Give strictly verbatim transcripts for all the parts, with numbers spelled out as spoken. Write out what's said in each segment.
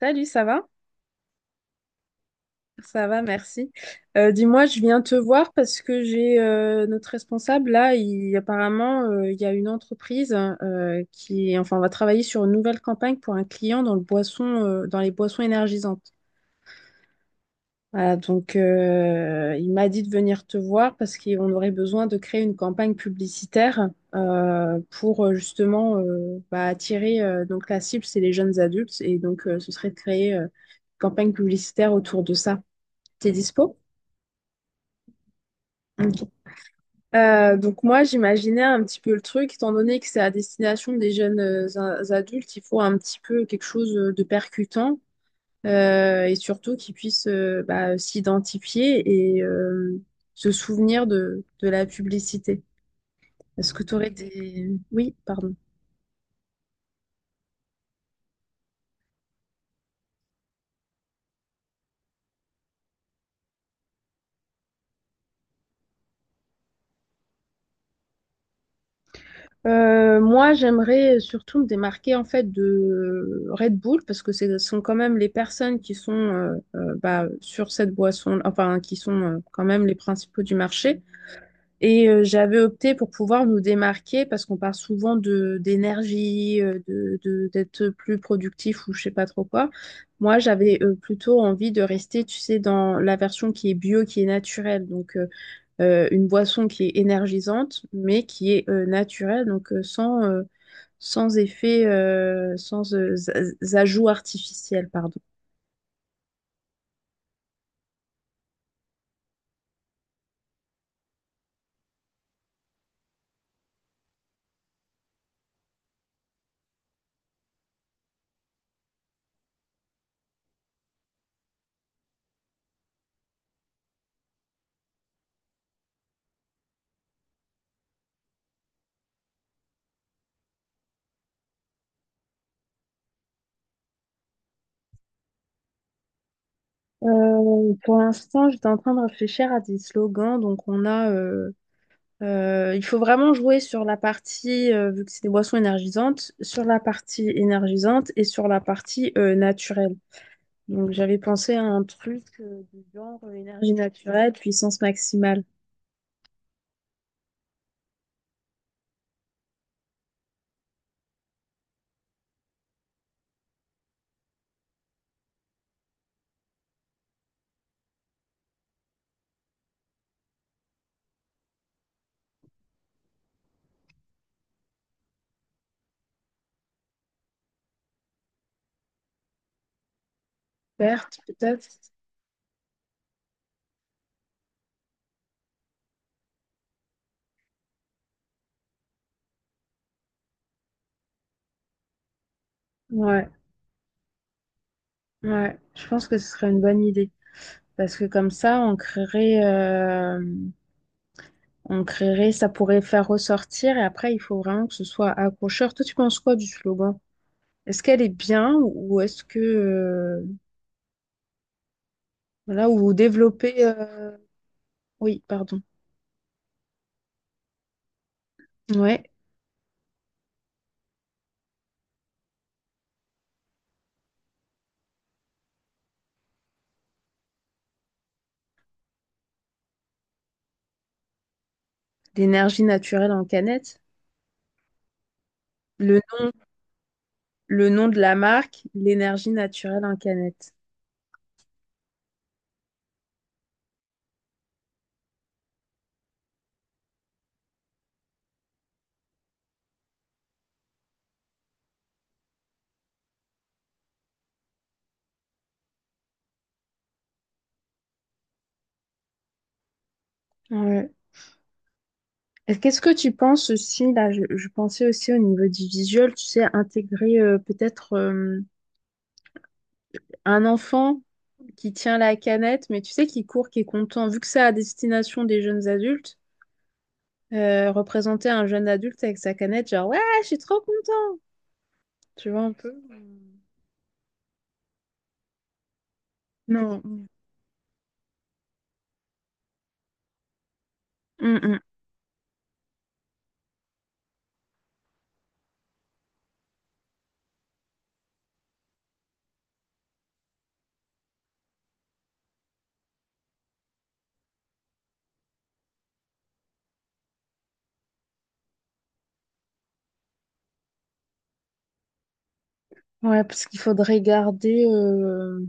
Salut, ça va? Ça va, merci. Euh, dis-moi, je viens te voir parce que j'ai euh, notre responsable là. Il, apparemment, euh, il y a une entreprise euh, qui, enfin, on va travailler sur une nouvelle campagne pour un client dans le boisson, euh, dans les boissons énergisantes. Voilà, donc euh, il m'a dit de venir te voir parce qu'on aurait besoin de créer une campagne publicitaire euh, pour euh, justement euh, bah, attirer. Euh, donc la cible, c'est les jeunes adultes et donc euh, ce serait de créer euh, une campagne publicitaire autour de ça. T'es dispo? Ok. Euh, donc moi, j'imaginais un petit peu le truc, étant donné que c'est à destination des jeunes euh, a- adultes, il faut un petit peu quelque chose de percutant euh, et surtout qu'ils puissent euh, bah, s'identifier et euh, se souvenir de, de la publicité. Est-ce que tu aurais des. Oui, pardon. Euh, moi, j'aimerais surtout me démarquer en fait de Red Bull parce que ce sont quand même les personnes qui sont euh, euh, bah, sur cette boisson, enfin qui sont euh, quand même les principaux du marché. Et euh, j'avais opté pour pouvoir nous démarquer parce qu'on parle souvent de d'énergie, euh, de, de- d'être plus productif ou je sais pas trop quoi. Moi, j'avais euh, plutôt envie de rester, tu sais, dans la version qui est bio, qui est naturelle. Donc euh, euh, une boisson qui est énergisante, mais qui est euh, naturelle, donc euh, sans, euh, sans effet, euh, sans euh, z- z- ajout artificiel, pardon. Euh, pour l'instant, j'étais en train de réfléchir à des slogans. Donc, on a, euh, euh, il faut vraiment jouer sur la partie, euh, vu que c'est des boissons énergisantes, sur la partie énergisante et sur la partie euh, naturelle. Donc, j'avais pensé à un truc euh, du genre euh, énergie naturelle, puissance maximale. Verte, peut-être. Ouais. Ouais, je pense que ce serait une bonne idée. Parce que comme ça, on créerait, euh, on créerait, ça pourrait faire ressortir. Et après, il faut vraiment que ce soit accrocheur. Toi, tu penses quoi du slogan? Est-ce qu'elle est bien ou est-ce que, euh, voilà, ou développer, euh, oui, pardon. Ouais, l'énergie naturelle en canette. Le nom, le nom de la marque, l'énergie naturelle en canette. Ouais. Et qu'est-ce que tu penses aussi, là, je, je pensais aussi au niveau du visuel, tu sais, intégrer euh, peut-être euh, un enfant qui tient la canette, mais tu sais, qui court, qui est content, vu que c'est à destination des jeunes adultes, euh, représenter un jeune adulte avec sa canette, genre, ouais, je suis trop content. Tu vois un peu? Non. Mm, mm. Ouais, parce qu'il faudrait garder. euh,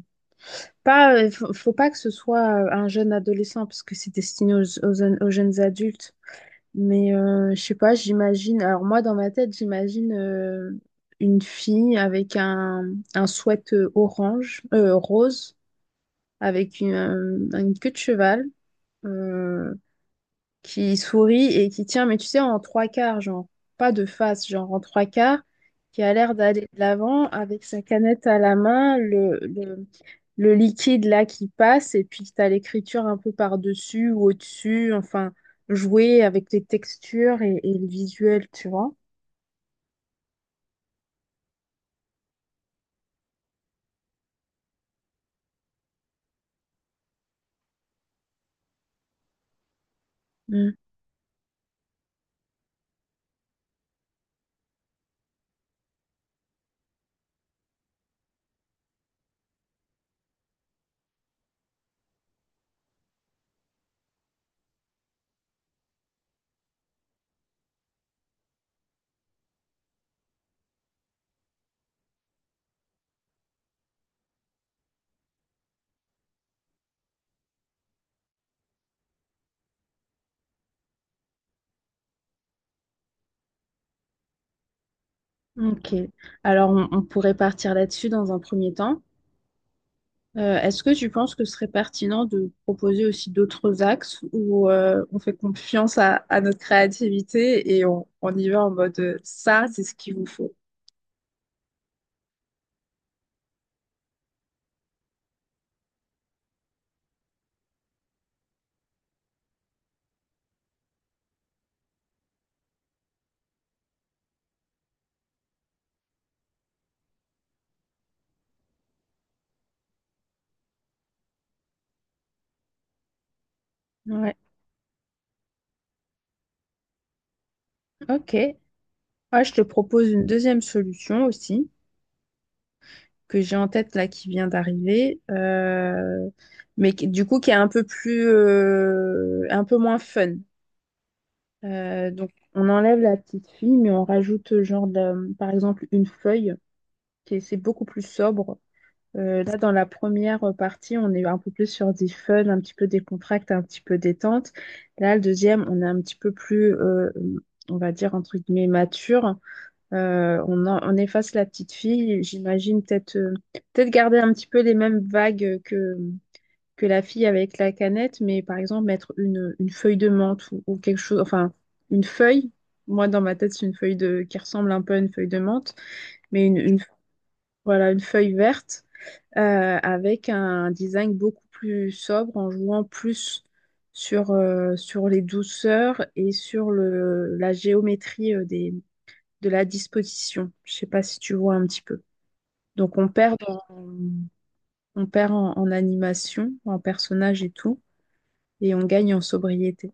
Pas, euh, faut, faut pas que ce soit euh, un jeune adolescent, parce que c'est destiné aux, aux- jeunes aux jeunes adultes. Mais euh, je sais pas, j'imagine. Alors, moi, dans ma tête, j'imagine euh, une fille avec un, un sweat euh, orange, euh, rose avec une, euh, une queue de cheval euh, qui sourit et qui tient, mais tu sais, en trois quarts, genre, pas de face, genre en trois quarts, qui a l'air d'aller de l'avant avec sa canette à la main, le, le, le liquide là qui passe, et puis tu as l'écriture un peu par-dessus ou au-dessus, enfin, jouer avec les textures et, et le visuel, tu vois. Mm. Ok. Alors, on on pourrait partir là-dessus dans un premier temps. Euh, est-ce que tu penses que ce serait pertinent de proposer aussi d'autres axes où euh, on fait confiance à, à notre créativité et on, on y va en mode euh, ça, c'est ce qu'il vous faut? Ouais, ok. Ah, je te propose une deuxième solution aussi, que j'ai en tête là qui vient d'arriver, euh, mais qui- du coup qui est un peu plus, euh, un peu moins fun. Euh, donc on enlève la petite fille, mais on rajoute euh, genre de, euh, par exemple une feuille, qui est- c'est beaucoup plus sobre. Euh, là, dans la première partie, on est un peu plus sur des fun, un petit peu décontracte, un petit peu détente. Là, le deuxième, on est un petit peu plus, euh, on va dire, entre guillemets, mature. Euh, on, en- on efface la petite fille. J'imagine peut-être euh, peut-être garder un petit peu les mêmes vagues que, que la fille avec la canette, mais par exemple, mettre une, une feuille de menthe ou, ou quelque chose, enfin, une feuille. Moi, dans ma tête, c'est une feuille de, qui ressemble un peu à une feuille de menthe, mais une, une- voilà, une feuille verte euh, avec un design beaucoup plus sobre en jouant plus sur, euh, sur les douceurs et sur le, la géométrie euh, des, de la disposition. Je sais pas si tu vois un petit peu. Donc on perd, en- on perd en, en animation, en personnage et tout, et on gagne en sobriété.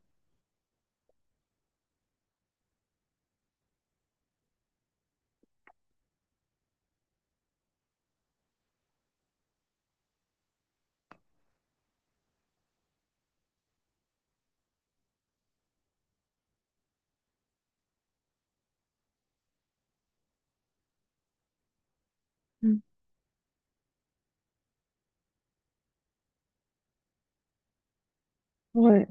Mm. Ouais.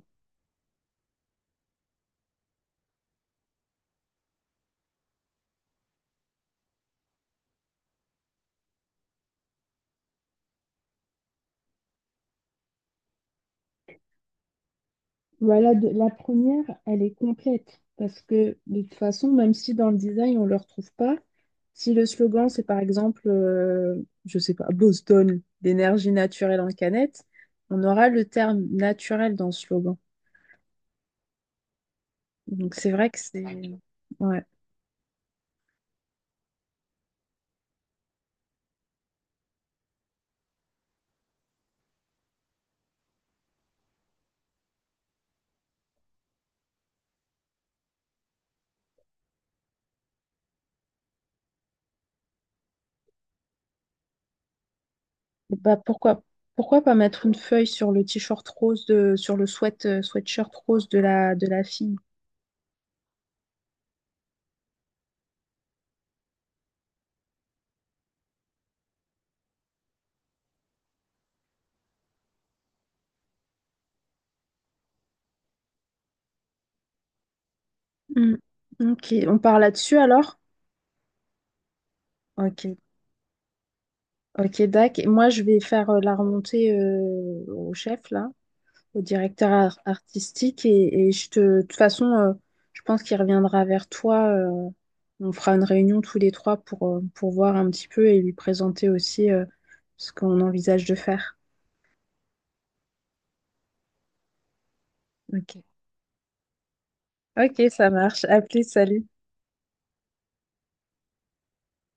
Voilà, de- la première, elle est complète parce que de toute façon, même si dans le design on le retrouve pas, si le slogan c'est par exemple, euh, je sais pas, Boston, d'énergie naturelle en canette, on aura le terme naturel dans le slogan. Donc c'est vrai que c'est, ouais. Et bah pourquoi pourquoi pas mettre une feuille sur le t-shirt rose de sur le sweat euh, sweatshirt rose de la de la fille. Hmm. Ok, on part là-dessus alors? Ok. Ok, Dac. Et moi, je vais faire euh, la remontée euh, au chef, là, au directeur ar- artistique. Et, et je te, de toute façon, euh, je pense qu'il reviendra vers toi. Euh, on fera une réunion tous les trois pour, euh, pour voir un petit peu et lui présenter aussi euh, ce qu'on envisage de faire. Ok. Ok, ça marche. À plus, salut.